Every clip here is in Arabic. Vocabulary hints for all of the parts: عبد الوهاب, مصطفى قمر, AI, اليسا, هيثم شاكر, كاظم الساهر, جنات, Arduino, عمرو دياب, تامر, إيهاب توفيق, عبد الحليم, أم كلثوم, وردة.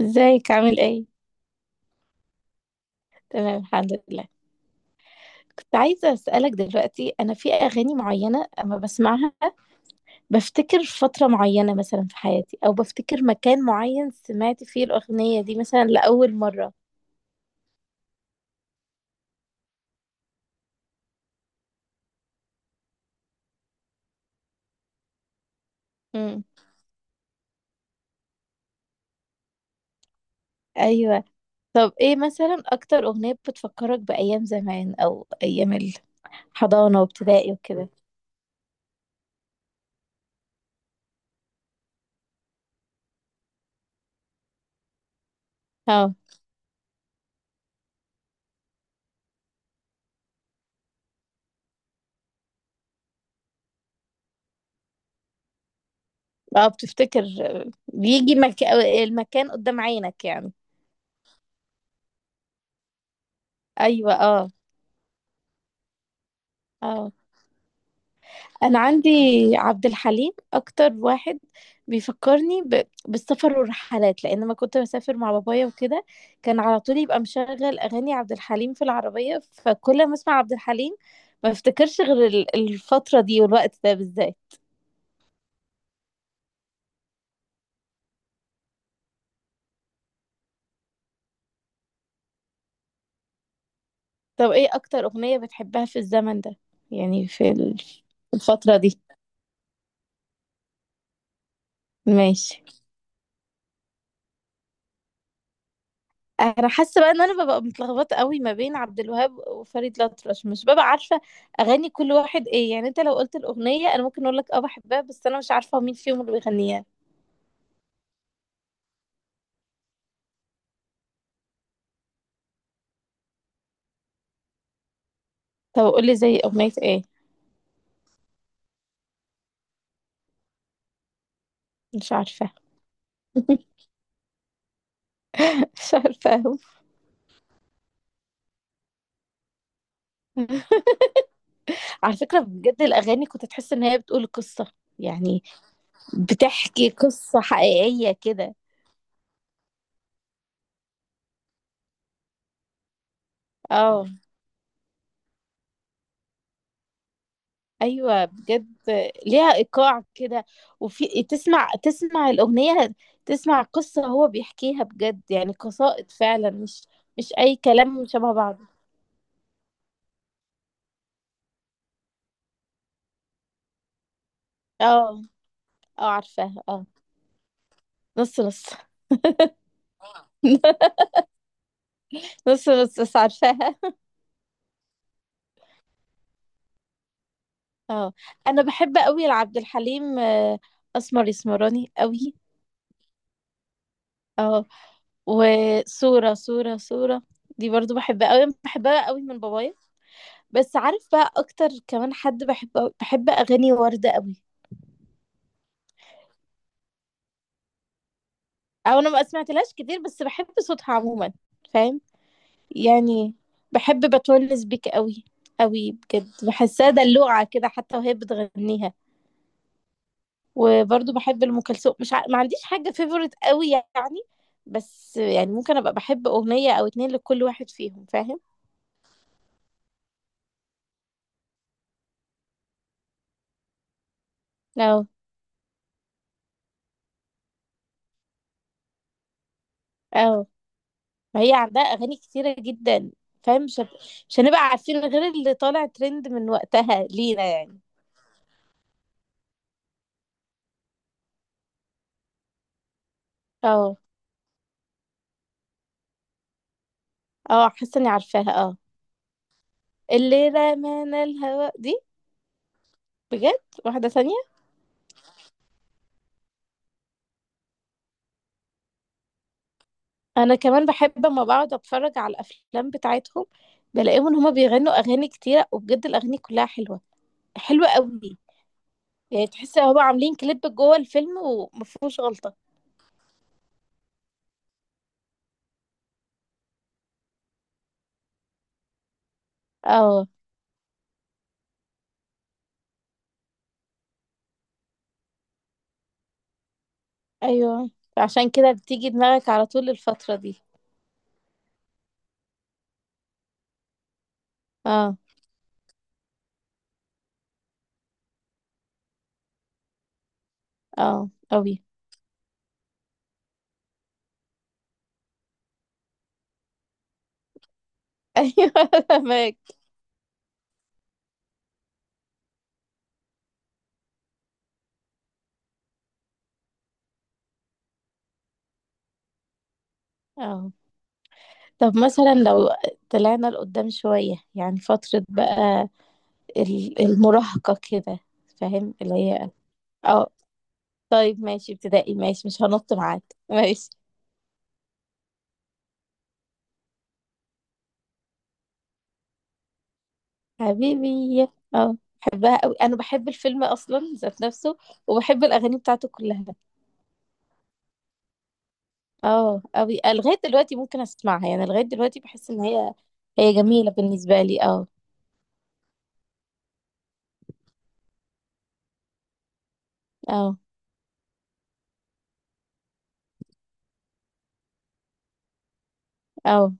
ازيك عامل ايه؟ تمام الحمد لله. كنت عايزة أسألك دلوقتي، أنا في أغاني معينة أما بسمعها بفتكر فترة معينة مثلا في حياتي، أو بفتكر مكان معين سمعت فيه الأغنية دي مثلا لأول مرة. امم. أيوة. طب ايه مثلا أكتر أغنية بتفكرك بأيام زمان أو أيام الحضانة وابتدائي وكده؟ اه اه، بتفتكر، بيجي مك... المكان قدام عينك يعني. أيوة اه. اه، انا عندي عبد الحليم اكتر واحد بيفكرني بالسفر والرحلات، لان ما كنت بسافر مع بابايا وكده. كان على طول يبقى مشغل اغاني عبد الحليم في العربية، فكل ما اسمع عبد الحليم ما افتكرش غير الفترة دي والوقت ده بالذات. طب ايه اكتر اغنية بتحبها في الزمن ده؟ يعني في الفترة دي. ماشي. انا حاسه بقى ان انا ببقى متلخبطه قوي ما بين عبد الوهاب وفريد الأطرش، مش ببقى عارفه اغاني كل واحد ايه. يعني انت لو قلت الاغنيه انا ممكن اقول لك اه بحبها، بس انا مش عارفه مين فيهم اللي بيغنيها. طب قول لي زي اغنيه ايه؟ مش عارفه. مش عارفه أوي. على فكره بجد الاغاني كنت تحس ان هي بتقول قصه، يعني بتحكي قصه حقيقيه كده. اه ايوه بجد. ليها ايقاع كده، وفي تسمع الاغنيه، تسمع قصه هو بيحكيها بجد، يعني قصائد فعلا، مش اي كلام شبه بعض. اه اه، عارفاها اه. نص نص. نص نص بس عارفاها اه. انا بحب قوي لعبد الحليم، آه، اسمر يسمراني قوي. اه، وصوره صوره صوره دي برضو بحبها قوي، بحبها قوي من بابايا. بس عارف بقى، اكتر كمان حد بحب اغاني وردة قوي. او انا ما سمعتلهاش كتير، بس بحب صوتها عموما. فاهم. يعني بحب بتونس بيك قوي قوي، بجد بحسها دلوعة كده حتى وهي بتغنيها. وبرضه بحب ام كلثوم، مش ع... ما عنديش حاجة فيفورت قوي يعني. بس يعني ممكن ابقى بحب اغنية او اتنين لكل واحد فيهم، فاهم. اه اه، ما هي عندها اغاني كتيرة جدا. فاهم، مش هنبقى عارفين غير اللي طالع ترند من وقتها لينا يعني. اه اه، حاسه اني عارفاها اه. اللي رمانا الهواء دي؟ بجد؟ واحده تانية. انا كمان بحب اما بقعد اتفرج على الافلام بتاعتهم بلاقيهم ان هما بيغنوا اغاني كتيره، وبجد الاغاني كلها حلوه، حلوه قوي. يعني تحس ان هما عاملين كليب جوه الفيلم ومفهوش غلطه. اه ايوه، عشان كده بتيجي دماغك على طول الفتره دي. اه اه قوي. ايوه، فاهمك. اه طب مثلا لو طلعنا لقدام شويه، يعني فتره بقى المراهقة كده. فاهم اللي هي. اه. طيب ماشي ابتدائي، ماشي، مش هنط معاك. ماشي. حبيبي، اه بحبها قوي، انا بحب الفيلم اصلا ذات نفسه. وبحب الاغاني بتاعته كلها. اه قوي لغاية دلوقتي ممكن اسمعها، يعني لغاية دلوقتي بحس ان هي، هي جميلة بالنسبة لي اه. اه اه.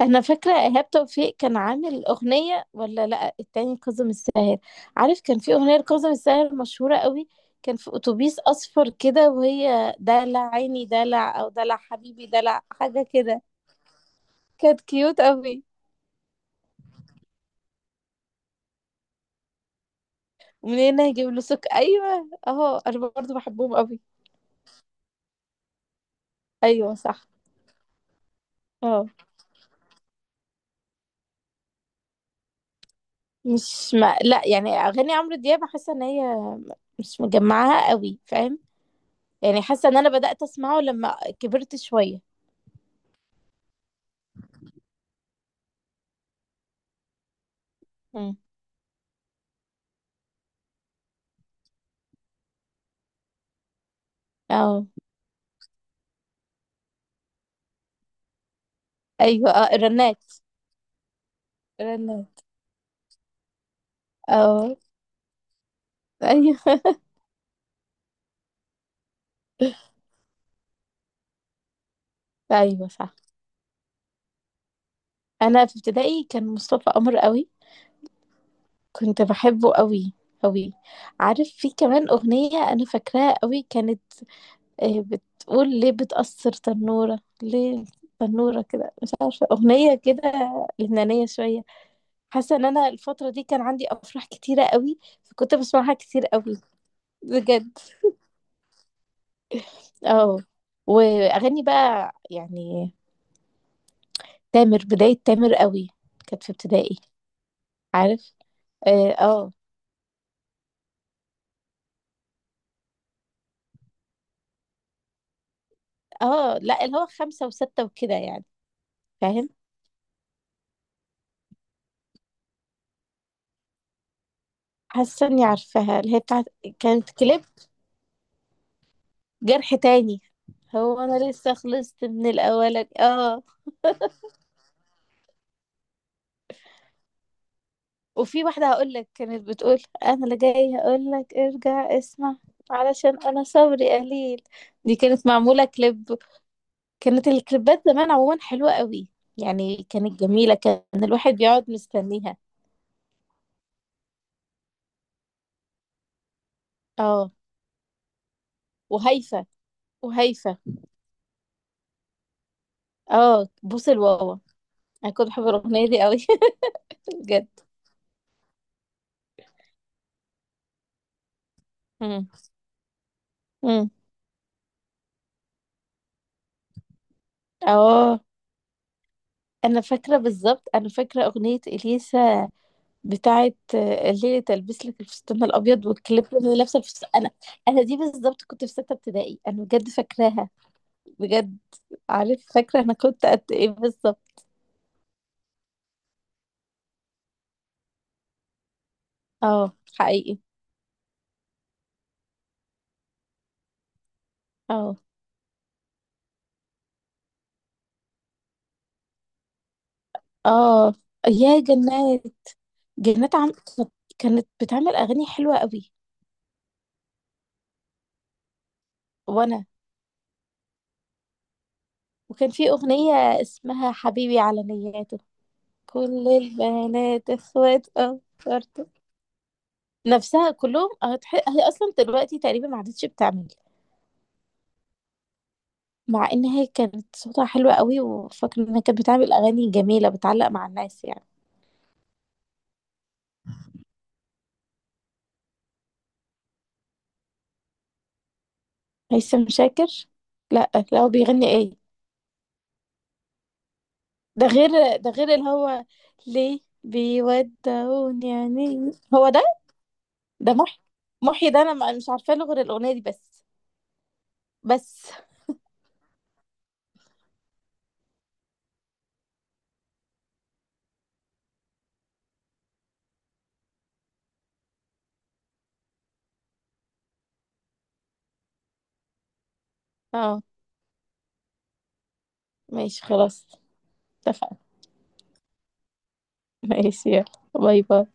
انا فاكره ايهاب توفيق كان عامل اغنيه ولا لا، التاني كاظم الساهر. عارف كان في اغنيه لكاظم الساهر مشهوره قوي، كان في اتوبيس اصفر كده، وهي دلع عيني دلع، او دلع حبيبي دلع، حاجه كده. كانت كيوت قوي. ومنين هنا هجيب له ايوه اهو، انا برضو بحبهم قوي. ايوه صح. اه، مش ما لا يعني، اغاني عمرو دياب حاسه ان هي مش مجمعاها قوي، فاهم. يعني حاسه ان انا بدات اسمعه لما كبرت شويه. مم. اه ايوه. اه الرنات. الرنات. اه ايوه. ايوه صح. انا في ابتدائي كان مصطفى قمر قوي. كنت بحبه قوي قوي. عارف في كمان اغنيه انا فاكراها قوي، كانت آه، بتقول ليه بتأثر تنوره ليه، تنوره كده، مش عارفه اغنيه كده لبنانيه شويه. حاسه ان انا الفتره دي كان عندي افراح كتيره قوي، فكنت بسمعها كتير قوي، بجد. اه واغاني بقى يعني، تامر، بداية تامر قوي كانت في ابتدائي. عارف. اه اه، آه، لا اللي هو خمسة وستة وكده يعني. فاهم. حاسة اني عارفاها اللي هي بتاعت، كانت كليب، جرح تاني. هو انا لسه خلصت من الاولاني اه. وفي واحدة هقول لك كانت بتقول انا اللي جاي هقول لك ارجع اسمع علشان انا صبري قليل. دي كانت معمولة كليب. كانت الكليبات زمان عموما حلوة قوي، يعني كانت جميلة، كان الواحد بيقعد مستنيها. اه. وهيفا. وهيفا. اه بوس الواوا، انا كنت بحب الاغنيه دي قوي. بجد. امم. امم. اه انا فاكره بالظبط، انا فاكره اغنيه اليسا بتاعه آه، الليله تلبس لك الفستان الابيض، والكليب اللي هي لابسه الفستان. انا دي بالظبط كنت في سته ابتدائي انا، بجد فاكراها. بجد. عارف فاكره انا كنت قد ايه بالظبط. اه حقيقي. اه اه، يا جنات. جنات عم، كانت بتعمل اغاني حلوه قوي. وانا، وكان في أغنية اسمها حبيبي على نياته، كل البنات اخوات افكارته، نفسها كلهم هي اصلا دلوقتي تقريبا ما عادتش بتعمل. مع ان هي كانت صوتها حلو قوي، وفاكره انها كانت بتعمل اغاني جميله بتعلق مع الناس يعني. هيثم شاكر؟ لا لا، هو بيغني ايه؟ ده غير اللي هو ليه بيودعوني، يعني هو ده؟ ده محي. محي ده انا مش عارفه له غير الاغنيه دي بس. بس. اه ماشي خلاص، اتفقنا. ماشي يلا. باي باي.